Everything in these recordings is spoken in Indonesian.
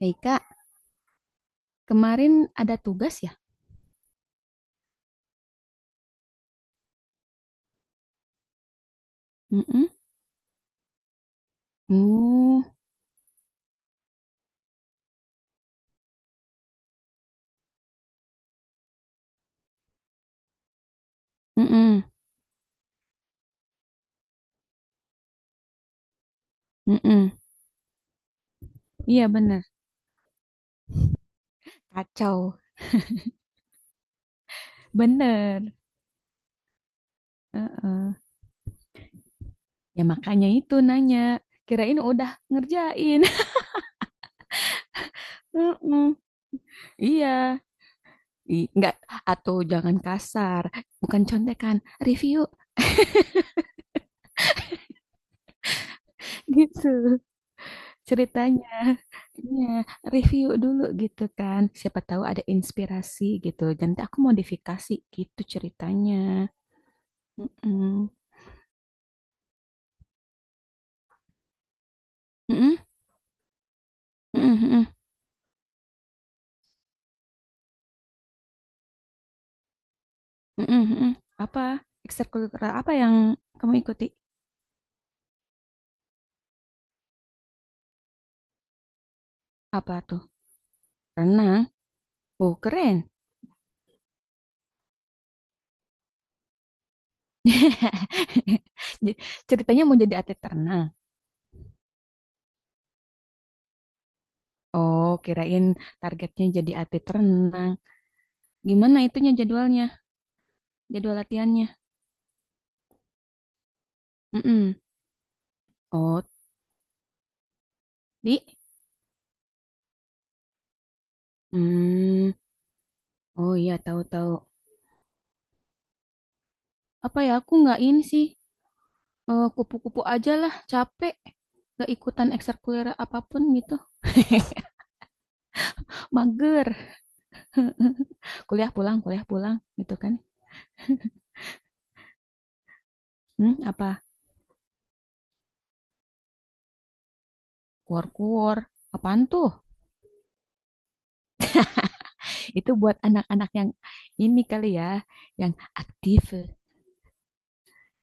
Hei Kak, kemarin ada tugas ya? Mm-mm. uh mm-mm, mm-mm. Iya bener, Kacau, bener. Heeh. Ya makanya itu nanya. Kirain udah ngerjain. Mm-mm. Iya, nggak atau jangan kasar, bukan contekan, review gitu ceritanya. Iya, review dulu gitu kan. Siapa tahu ada inspirasi gitu. Nanti aku modifikasi gitu ceritanya. Mm-mm. Mm-mm. Mhm mhm mhm mhm. Apa, ekstrakurikuler apa yang kamu ikuti? Apa tuh? Renang? Oh, keren. Ja Ceritanya mau jadi atlet renang? Oh, kirain targetnya jadi atlet renang. Gimana itunya jadwalnya, jadwal latihannya? Mhm. Oh, di mmm, oh iya, tahu tahu. Apa ya, aku nggak ini sih, kupu-kupu aja lah, capek. Nggak ikutan ekstrakurikuler apapun gitu. Mager. Kuliah pulang gitu kan. Apa? Kuor-kuor. Apaan tuh? Itu buat anak-anak yang ini kali ya, yang aktif,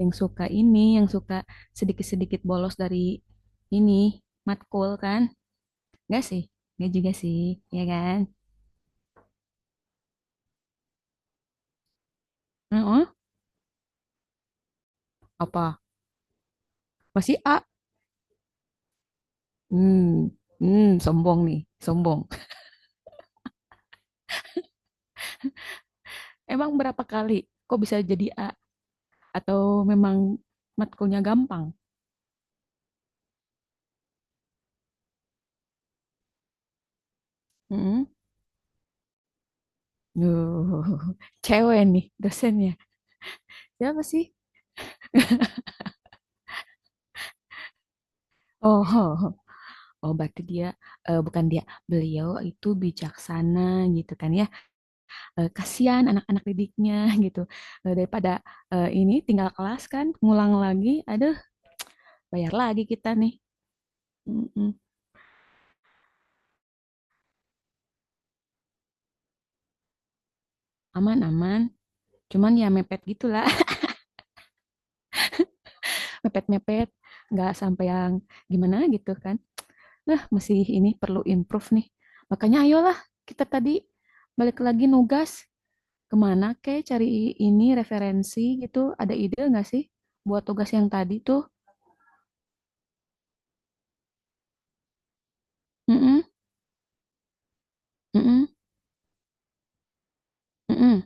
yang suka ini, yang suka sedikit-sedikit bolos dari ini, matkul kan. Enggak sih? Enggak juga sih, ya kan? Heeh. Apa? Masih A? hmm sombong nih, sombong. Emang berapa kali kok bisa jadi A? Atau memang matkulnya gampang? Mhm. Duh, cewek nih dosennya. Siapa sih? Oh, oh, berarti dia eh, bukan dia, beliau itu bijaksana gitu kan ya. Eh, kasihan anak-anak didiknya gitu. Eh, daripada eh, ini tinggal kelas kan, ngulang lagi, aduh, bayar lagi kita nih. Mm-mm. Aman, aman. Cuman ya mepet gitulah, mepet-mepet, nggak sampai yang gimana gitu kan. Nah, masih ini perlu improve nih. Makanya ayolah kita tadi balik lagi nugas. Ke Kek cari ini referensi gitu, ada ide nggak sih buat tugas yang tadi tuh? Mm-mm, mm-mm, mm-mm,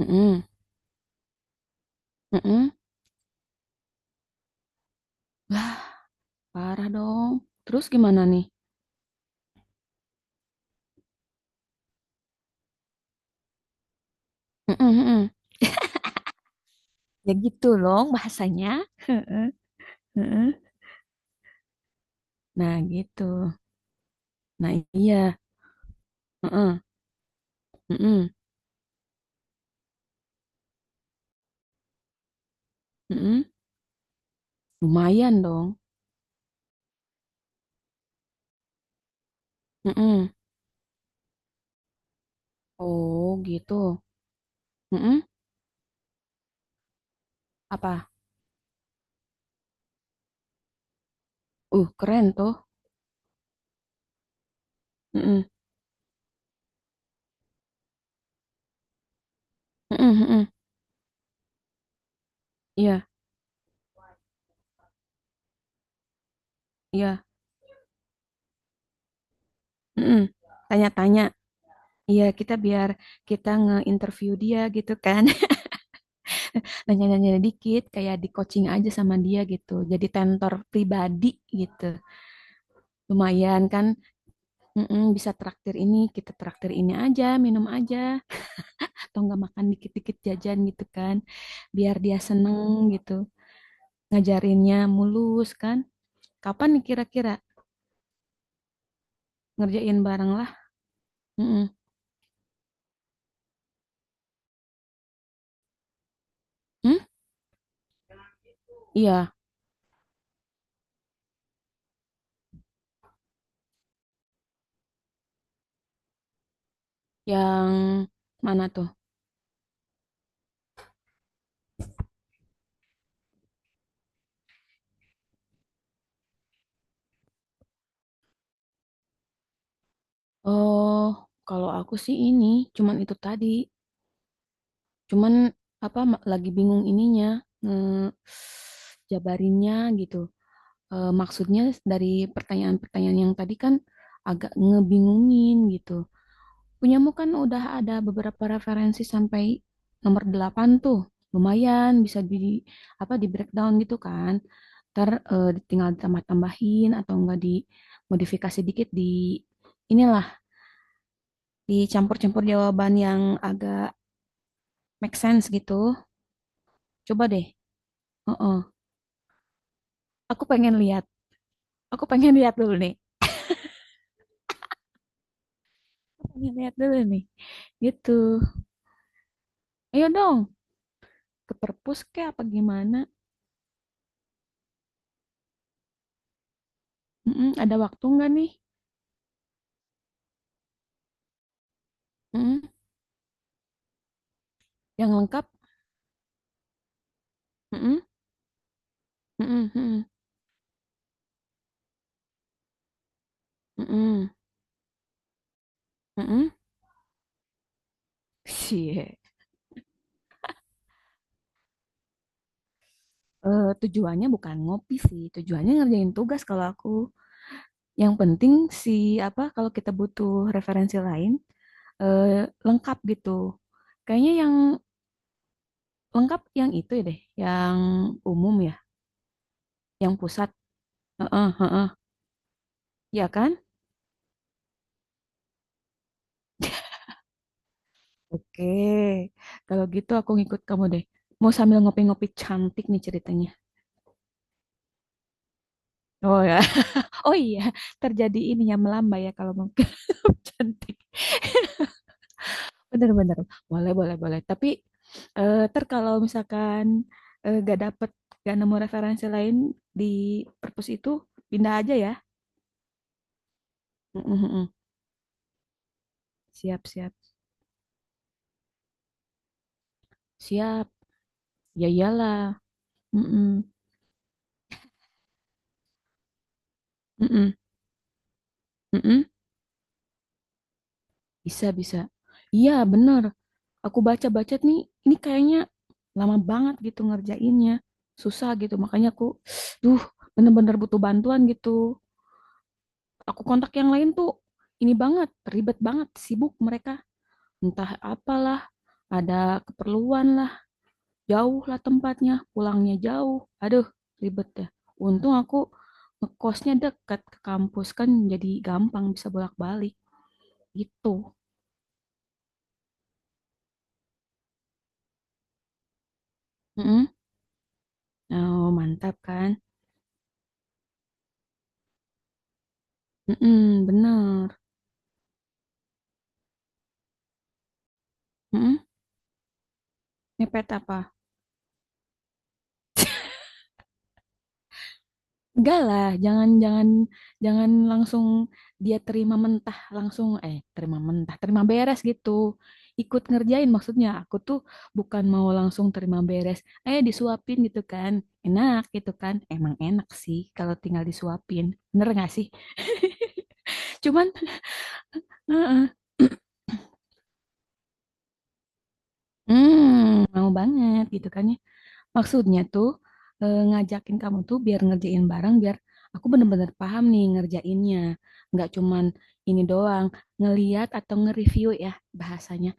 mm-mm, mm-mm. Lah, parah dong. Terus gimana nih? Mm-mm, mm-mm. Ya gitu loh bahasanya. Heeh, heeh. Nah gitu. Nah iya. Heeh, heeh, heeh. Lumayan dong. Heeh. Oh gitu. Heeh. Apa? Keren tuh. Heeh, heeh, heeh. Iya, iya. Heeh. Tanya-tanya. Iya, kita biar kita nge-interview dia gitu kan. Nanya-nanya dikit, kayak di-coaching aja sama dia gitu. Jadi tentor pribadi gitu. Lumayan kan, mm-mm, bisa traktir ini, kita traktir ini aja, minum aja. Atau nggak makan dikit-dikit jajan gitu kan. Biar dia seneng gitu. Ngajarinnya mulus kan. Kapan nih kira-kira ngerjain bareng lah? Mm-mm. Hmm? Iya, yang mana tuh? Oh, kalau aku sih ini, cuman itu tadi cuman, apa, lagi bingung ininya, eee, jabarinnya gitu. Maksudnya dari pertanyaan-pertanyaan yang tadi kan agak ngebingungin gitu. Punyamu kan udah ada beberapa referensi sampai nomor 8 tuh, lumayan bisa di apa, di-breakdown gitu kan. Entar, tinggal ditambah-tambahin atau enggak dimodifikasi dikit di inilah, dicampur-campur jawaban yang agak make sense gitu. Coba deh heeh. Aku pengen lihat, aku pengen lihat dulu nih, aku pengen lihat dulu nih, gitu. Ayo dong, ke perpus kek apa gimana? Mm-mm, ada waktu nggak nih? Mm-mm, yang lengkap? Mm-mm, mm-mm, mm-mm, mm-mm, mm-mm. Cie. Eh, tujuannya bukan ngopi sih, tujuannya ngerjain tugas kalau aku. Yang penting si apa kalau kita butuh referensi lain eh, lengkap gitu. Kayaknya yang lengkap yang itu ya deh, yang umum ya, yang pusat. Heeh, heeh. Ya kan? Oke, kalau gitu aku ngikut kamu deh. Mau sambil ngopi-ngopi cantik nih ceritanya. Oh ya, oh iya, terjadi ini ya melambai ya kalau mau cantik. Bener-bener, boleh boleh boleh. Tapi eh, kalau misalkan eh, gak dapet, gak nemu referensi lain di perpus itu, pindah aja ya. Mm-mm, mm-mm. Siap siap siap. Ya iyalah. Mm-mm, mm-mm, mm-mm. Bisa bisa. Iya bener. Aku baca-baca nih, ini kayaknya lama banget gitu ngerjainnya. Susah gitu, makanya aku, duh, bener-bener butuh bantuan gitu. Aku kontak yang lain tuh, ini banget, ribet banget, sibuk mereka. Entah apalah, ada keperluan lah, jauh lah tempatnya, pulangnya jauh. Aduh, ribet ya. Untung aku ngekosnya dekat ke kampus kan jadi gampang bisa bolak-balik gitu. Mm-mm. Oh, mantap kan? Mm-mm, bener. Mm-mm. Mepet apa? Enggak lah, jangan jangan jangan langsung dia terima mentah langsung eh terima mentah, terima beres gitu. Ikut ngerjain maksudnya. Aku tuh bukan mau langsung terima beres. Eh, disuapin gitu kan. Enak gitu kan. Emang enak sih kalau tinggal disuapin. Bener gak sih? Cuman heeh, Mau banget gitu kan ya. Maksudnya tuh, ngajakin kamu tuh biar ngerjain bareng, biar aku bener-bener paham nih ngerjainnya. Nggak cuman ini doang, ngelihat atau nge-review ya bahasanya,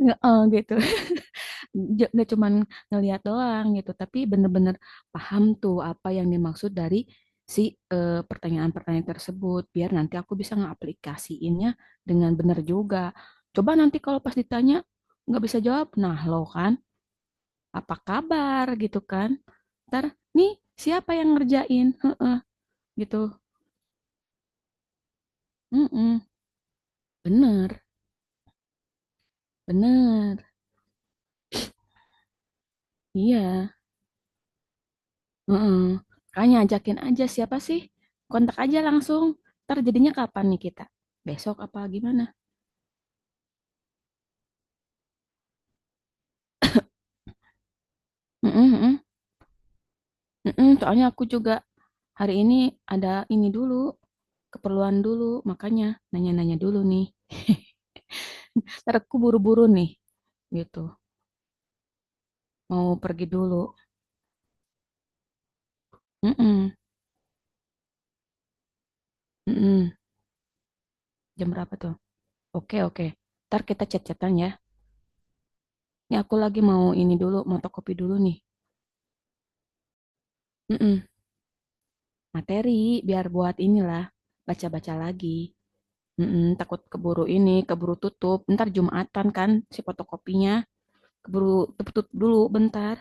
heeh, gitu. Nggak cuman ngelihat doang gitu, tapi bener-bener paham tuh apa yang dimaksud dari si, pertanyaan-pertanyaan tersebut, biar nanti aku bisa ngeaplikasiinnya dengan bener juga. Coba nanti kalau pas ditanya nggak bisa jawab, nah lo kan apa kabar gitu kan ntar nih siapa yang ngerjain. Heh, gitu. Mm-mm. Bener bener, iya. Mm-mm. Makanya ajakin aja siapa sih, kontak aja langsung, ntar jadinya kapan nih kita, besok apa gimana? Mm-mm, mm-mm. Mm-mm, soalnya aku juga hari ini ada ini dulu, keperluan dulu, makanya nanya-nanya dulu nih. Ntar aku buru-buru nih, gitu, mau pergi dulu. Mm-mm, mm-mm. Jam berapa tuh? Oke, oke. Ntar kita chat-chatan ya. Ini aku lagi mau ini dulu, motokopi dulu nih. Mm-mm. Materi, biar buat inilah, baca-baca lagi. Mm-mm, takut keburu ini, keburu tutup. Ntar Jumatan kan si fotokopinya. Keburu tutup dulu, bentar.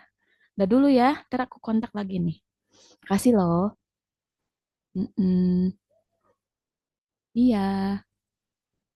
Udah dulu ya, ntar aku kontak lagi nih. Kasih loh. Mm-mm. Iya.